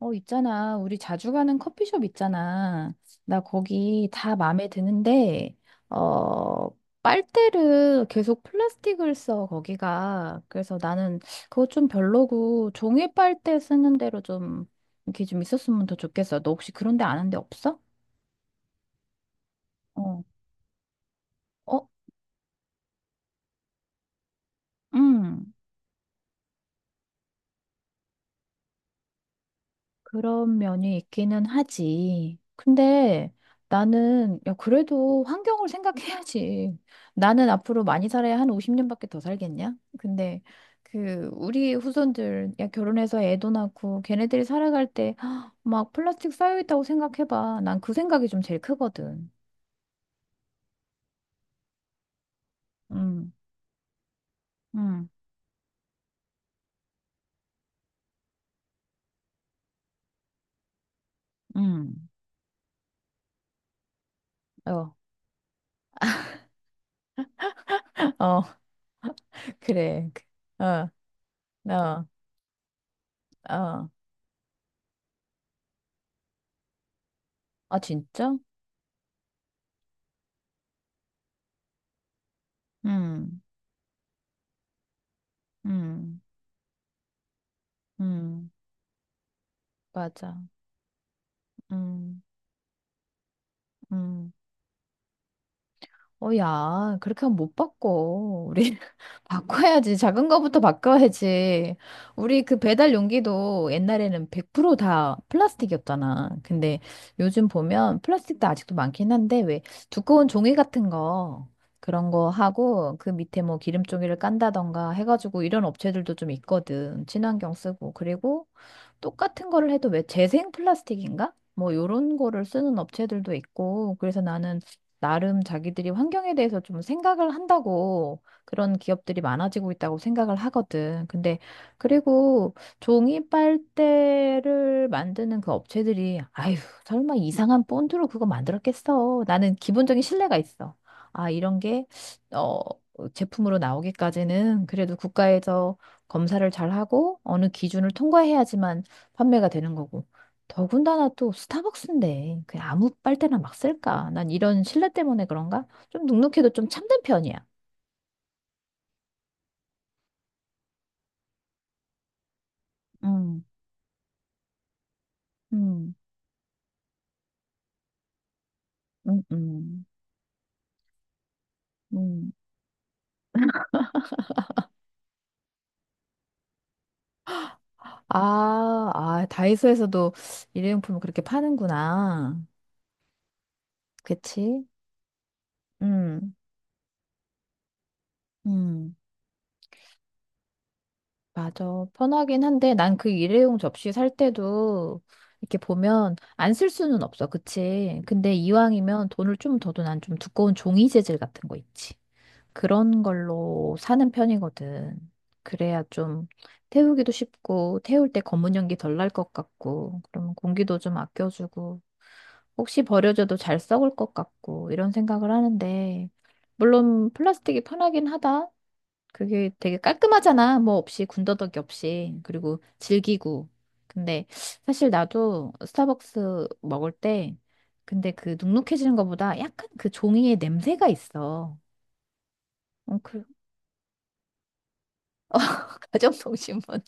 어, 있잖아. 우리 자주 가는 커피숍 있잖아. 나 거기 다 마음에 드는데, 어, 빨대를 계속 플라스틱을 써, 거기가. 그래서 나는 그거 좀 별로고, 종이 빨대 쓰는 대로 좀, 이렇게 좀 있었으면 더 좋겠어. 너 혹시 그런 데 아는 데 없어? 어, 어, 응. 그런 면이 있기는 하지. 근데 나는, 야, 그래도 환경을 생각해야지. 나는 앞으로 많이 살아야 한 50년밖에 더 살겠냐? 근데 그, 우리 후손들, 야, 결혼해서 애도 낳고 걔네들이 살아갈 때 막 플라스틱 쌓여있다고 생각해봐. 난 그 생각이 좀 제일 크거든. 음, 음, 음. 어, 어, 그래. 그, 어, 어, 어. 아, 진짜? 음, 음, 음. 맞아. 음, 음. 어, 야, 그렇게 하면 못 바꿔. 우리 바꿔야지. 작은 거부터 바꿔야지. 우리 그 배달 용기도 옛날에는 100%다 플라스틱이었잖아. 근데 요즘 보면 플라스틱도 아직도 많긴 한데, 왜 두꺼운 종이 같은 거, 그런 거 하고, 그 밑에 뭐 기름종이를 깐다던가 해가지고 이런 업체들도 좀 있거든. 친환경 쓰고. 그리고 똑같은 거를 해도 왜 재생 플라스틱인가? 뭐 요런 거를 쓰는 업체들도 있고, 그래서 나는 나름 자기들이 환경에 대해서 좀 생각을 한다고 그런 기업들이 많아지고 있다고 생각을 하거든. 근데 그리고 종이 빨대를 만드는 그 업체들이 아휴, 설마 이상한 본드로 그거 만들었겠어. 나는 기본적인 신뢰가 있어. 아, 이런 게 어, 제품으로 나오기까지는 그래도 국가에서 검사를 잘 하고 어느 기준을 통과해야지만 판매가 되는 거고. 더군다나 또 스타벅스인데 그냥 아무 빨대나 막 쓸까? 난 이런 신뢰 때문에 그런가? 좀 눅눅해도 좀 참된 편이야. 음, 음, 음, 음, 음. 아, 아, 다이소에서도 일회용품을 그렇게 파는구나. 그치? 음, 음. 맞아. 편하긴 한데 난 그 일회용 접시 살 때도 이렇게 보면 안 쓸 수는 없어. 그치? 근데 이왕이면 돈을 좀 더도 난 좀 두꺼운 종이 재질 같은 거 있지. 그런 걸로 사는 편이거든. 그래야 좀 태우기도 쉽고, 태울 때 검은 연기 덜 날 것 같고, 그러면 공기도 좀 아껴주고, 혹시 버려져도 잘 썩을 것 같고, 이런 생각을 하는데, 물론 플라스틱이 편하긴 하다. 그게 되게 깔끔하잖아. 뭐 없이, 군더더기 없이. 그리고 질기고. 근데 사실 나도 스타벅스 먹을 때, 근데 그 눅눅해지는 것보다 약간 그 종이의 냄새가 있어. 어, 그 가정통신문.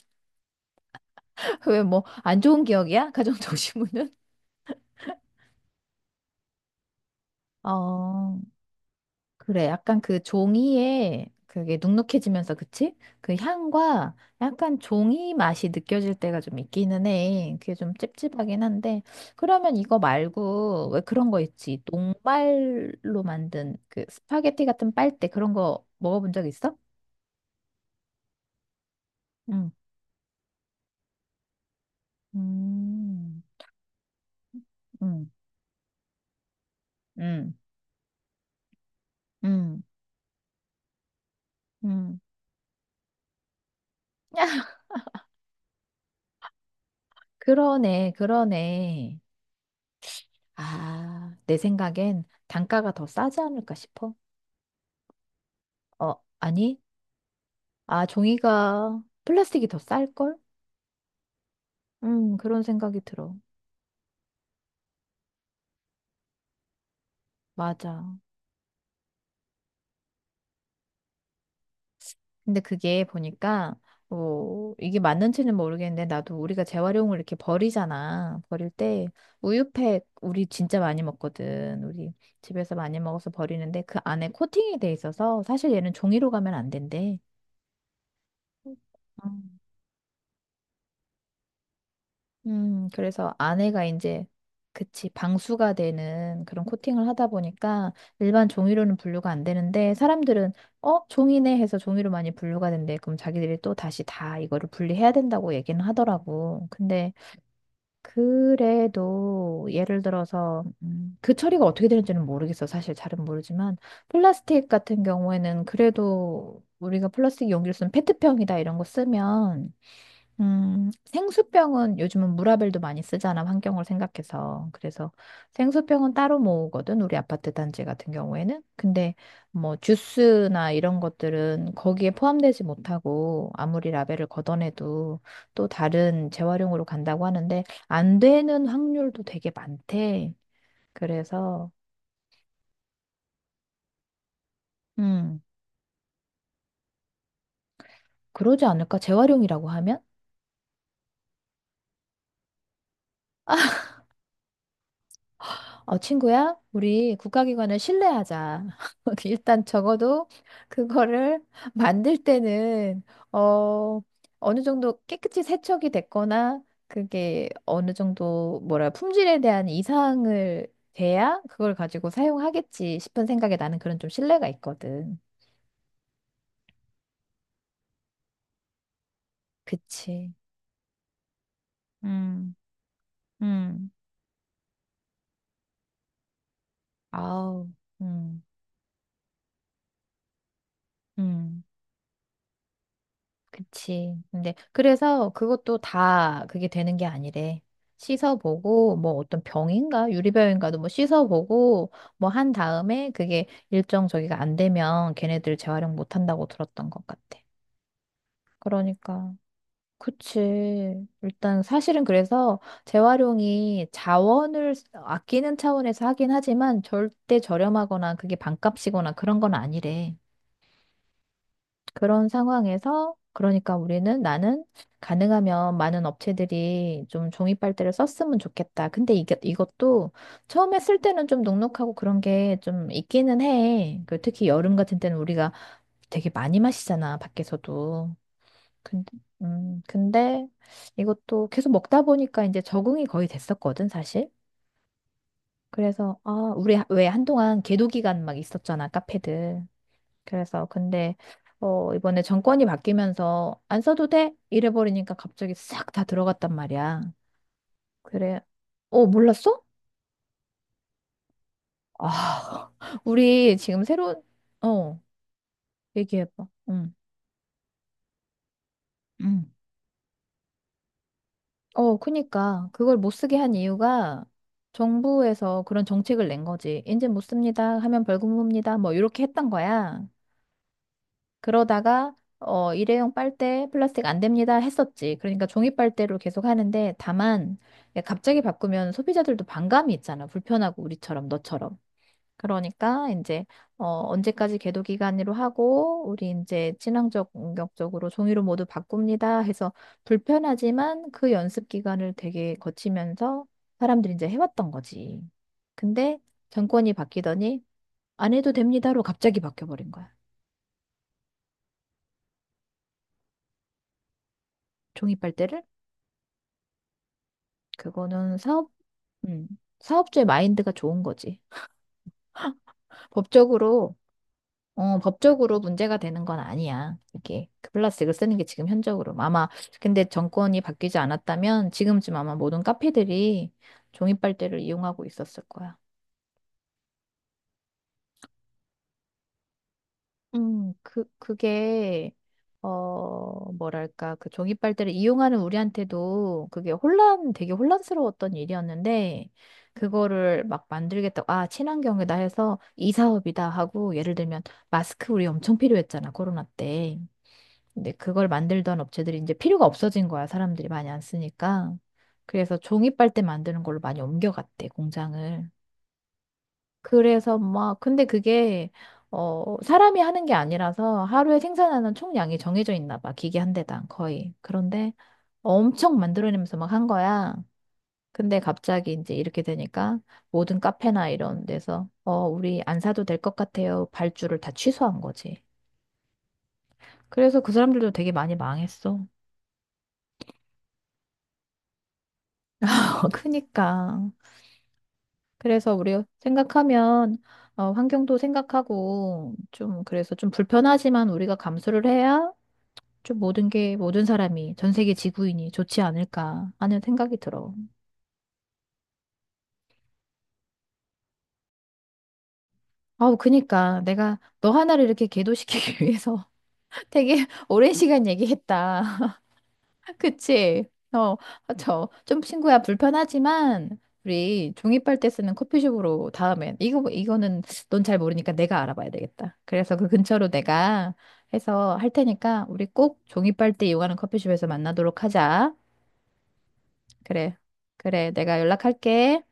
왜 뭐 안 좋은 기억이야? 가정통신문은? 어, 그래. 약간 그 종이에 그게 눅눅해지면서 그치? 그 향과 약간 종이 맛이 느껴질 때가 좀 있기는 해. 그게 좀 찝찝하긴 한데. 그러면 이거 말고 왜 그런 거 있지? 녹말로 만든 그 스파게티 같은 빨대 그런 거 먹어본 적 있어? 응. 음, 음, 음, 음, 음. 그러네, 그러네. 아, 내 생각엔 단가가 더 싸지 않을까 싶어. 어, 아니? 아, 종이가 플라스틱이 더 쌀걸? 그런 생각이 들어. 맞아. 근데 그게 보니까, 어, 이게 맞는지는 모르겠는데, 나도 우리가 재활용을 이렇게 버리잖아. 버릴 때, 우유팩, 우리 진짜 많이 먹거든. 우리 집에서 많이 먹어서 버리는데, 그 안에 코팅이 돼 있어서, 사실 얘는 종이로 가면 안 된대. 음. 그래서 안에가 이제, 그치, 방수가 되는 그런 코팅을 하다 보니까 일반 종이로는 분류가 안 되는데 사람들은, 어, 종이네 해서 종이로 많이 분류가 된대. 그럼 자기들이 또 다시 다 이거를 분리해야 된다고 얘기는 하더라고. 근데 그래도 예를 들어서, 그 처리가 어떻게 되는지는 모르겠어. 사실 잘은 모르지만 플라스틱 같은 경우에는 그래도 우리가 플라스틱 용기를 쓰면 페트병이다 이런 거 쓰면 생수병은 요즘은 무라벨도 많이 쓰잖아, 환경을 생각해서. 그래서 생수병은 따로 모으거든, 우리 아파트 단지 같은 경우에는. 근데 뭐 주스나 이런 것들은 거기에 포함되지 못하고 아무리 라벨을 걷어내도 또 다른 재활용으로 간다고 하는데 안 되는 확률도 되게 많대. 그래서, 음, 그러지 않을까? 재활용이라고 하면? 어, 친구야, 우리 국가기관을 신뢰하자. 일단 적어도 그거를 만들 때는, 어, 어느 정도 깨끗이 세척이 됐거나, 그게 어느 정도, 뭐라, 품질에 대한 이상을 돼야 그걸 가지고 사용하겠지 싶은 생각에 나는 그런 좀 신뢰가 있거든. 그치. 음, 음, 아우, 음, 음. 그치. 근데 그래서 그것도 다 그게 되는 게 아니래. 씻어보고 뭐 어떤 병인가 유리병인가도 뭐 씻어보고 뭐 한 다음에 그게 일정 저기가 안 되면 걔네들 재활용 못 한다고 들었던 것 같아. 그러니까 그치. 일단 사실은 그래서 재활용이 자원을 아끼는 차원에서 하긴 하지만 절대 저렴하거나 그게 반값이거나 그런 건 아니래. 그런 상황에서 그러니까 우리는 나는 가능하면 많은 업체들이 좀 종이 빨대를 썼으면 좋겠다. 근데 이게 이것도 처음에 쓸 때는 좀 눅눅하고 그런 게 좀 있기는 해. 그 특히 여름 같은 때는 우리가 되게 많이 마시잖아, 밖에서도. 근데 근데 이것도 계속 먹다 보니까 이제 적응이 거의 됐었거든, 사실. 그래서 아, 우리 왜 한동안 계도 기간 막 있었잖아, 카페들. 그래서 근데 어 이번에 정권이 바뀌면서 안 써도 돼? 이래 버리니까 갑자기 싹 다 들어갔단 말이야. 그래. 어, 몰랐어? 아, 우리 지금 새로운 어, 얘기해 봐. 응. 응 그니까 그걸 못 쓰게 한 이유가 정부에서 그런 정책을 낸 거지. 이제 못 씁니다. 하면 벌금 봅니다. 뭐 이렇게 했던 거야. 그러다가 어, 일회용 빨대 플라스틱 안 됩니다 했었지. 그러니까 종이 빨대로 계속 하는데 다만 갑자기 바꾸면 소비자들도 반감이 있잖아. 불편하고 우리처럼 너처럼. 그러니까 이제 언제까지 계도 기간으로 하고 우리 이제 친환경 적으로 종이로 모두 바꿉니다 해서 불편하지만 그 연습 기간을 되게 거치면서 사람들이 이제 해왔던 거지. 근데 정권이 바뀌더니 안 해도 됩니다로 갑자기 바뀌어버린 거야. 종이 빨대를 그거는 음, 사업주의 마인드가 좋은 거지. 법적으로, 법적으로 문제가 되는 건 아니야. 이게 그 플라스틱을 쓰는 게 지금 현적으로. 아마, 근데 정권이 바뀌지 않았다면 지금쯤 아마 모든 카페들이 종이빨대를 이용하고 있었을 거야. 그게, 어, 뭐랄까, 그 종이 빨대를 이용하는 우리한테도 그게 혼란, 되게 혼란스러웠던 일이었는데, 그거를 막 만들겠다고, 아, 친환경이다 해서 이 사업이다 하고, 예를 들면, 마스크 우리 엄청 필요했잖아, 코로나 때. 근데 그걸 만들던 업체들이 이제 필요가 없어진 거야, 사람들이 많이 안 쓰니까. 그래서 종이 빨대 만드는 걸로 많이 옮겨갔대, 공장을. 그래서 막, 근데 그게, 어, 사람이 하는 게 아니라서 하루에 생산하는 총량이 정해져 있나 봐. 기계 한 대당 거의. 그런데 엄청 만들어내면서 막 한 거야. 근데 갑자기 이제 이렇게 되니까 모든 카페나 이런 데서, 어, 우리 안 사도 될 것 같아요. 발주를 다 취소한 거지. 그래서 그 사람들도 되게 많이 망했어. 크니까. 그래서 우리 생각하면, 어, 환경도 생각하고, 좀, 그래서 좀 불편하지만 우리가 감수를 해야 좀 모든 게 모든 사람이 전 세계 지구인이 좋지 않을까 하는 생각이 들어. 아우 그니까 내가 너 하나를 이렇게 계도시키기 위해서 되게 오랜 시간 얘기했다. 그치? 어, 저 좀 친구야 불편하지만 우리 종이빨대 쓰는 커피숍으로 다음엔 이거 이거는 넌 잘 모르니까 내가 알아봐야 되겠다. 그래서 그 근처로 내가 해서 할 테니까 우리 꼭 종이빨대 이용하는 커피숍에서 만나도록 하자. 그래. 그래. 내가 연락할게.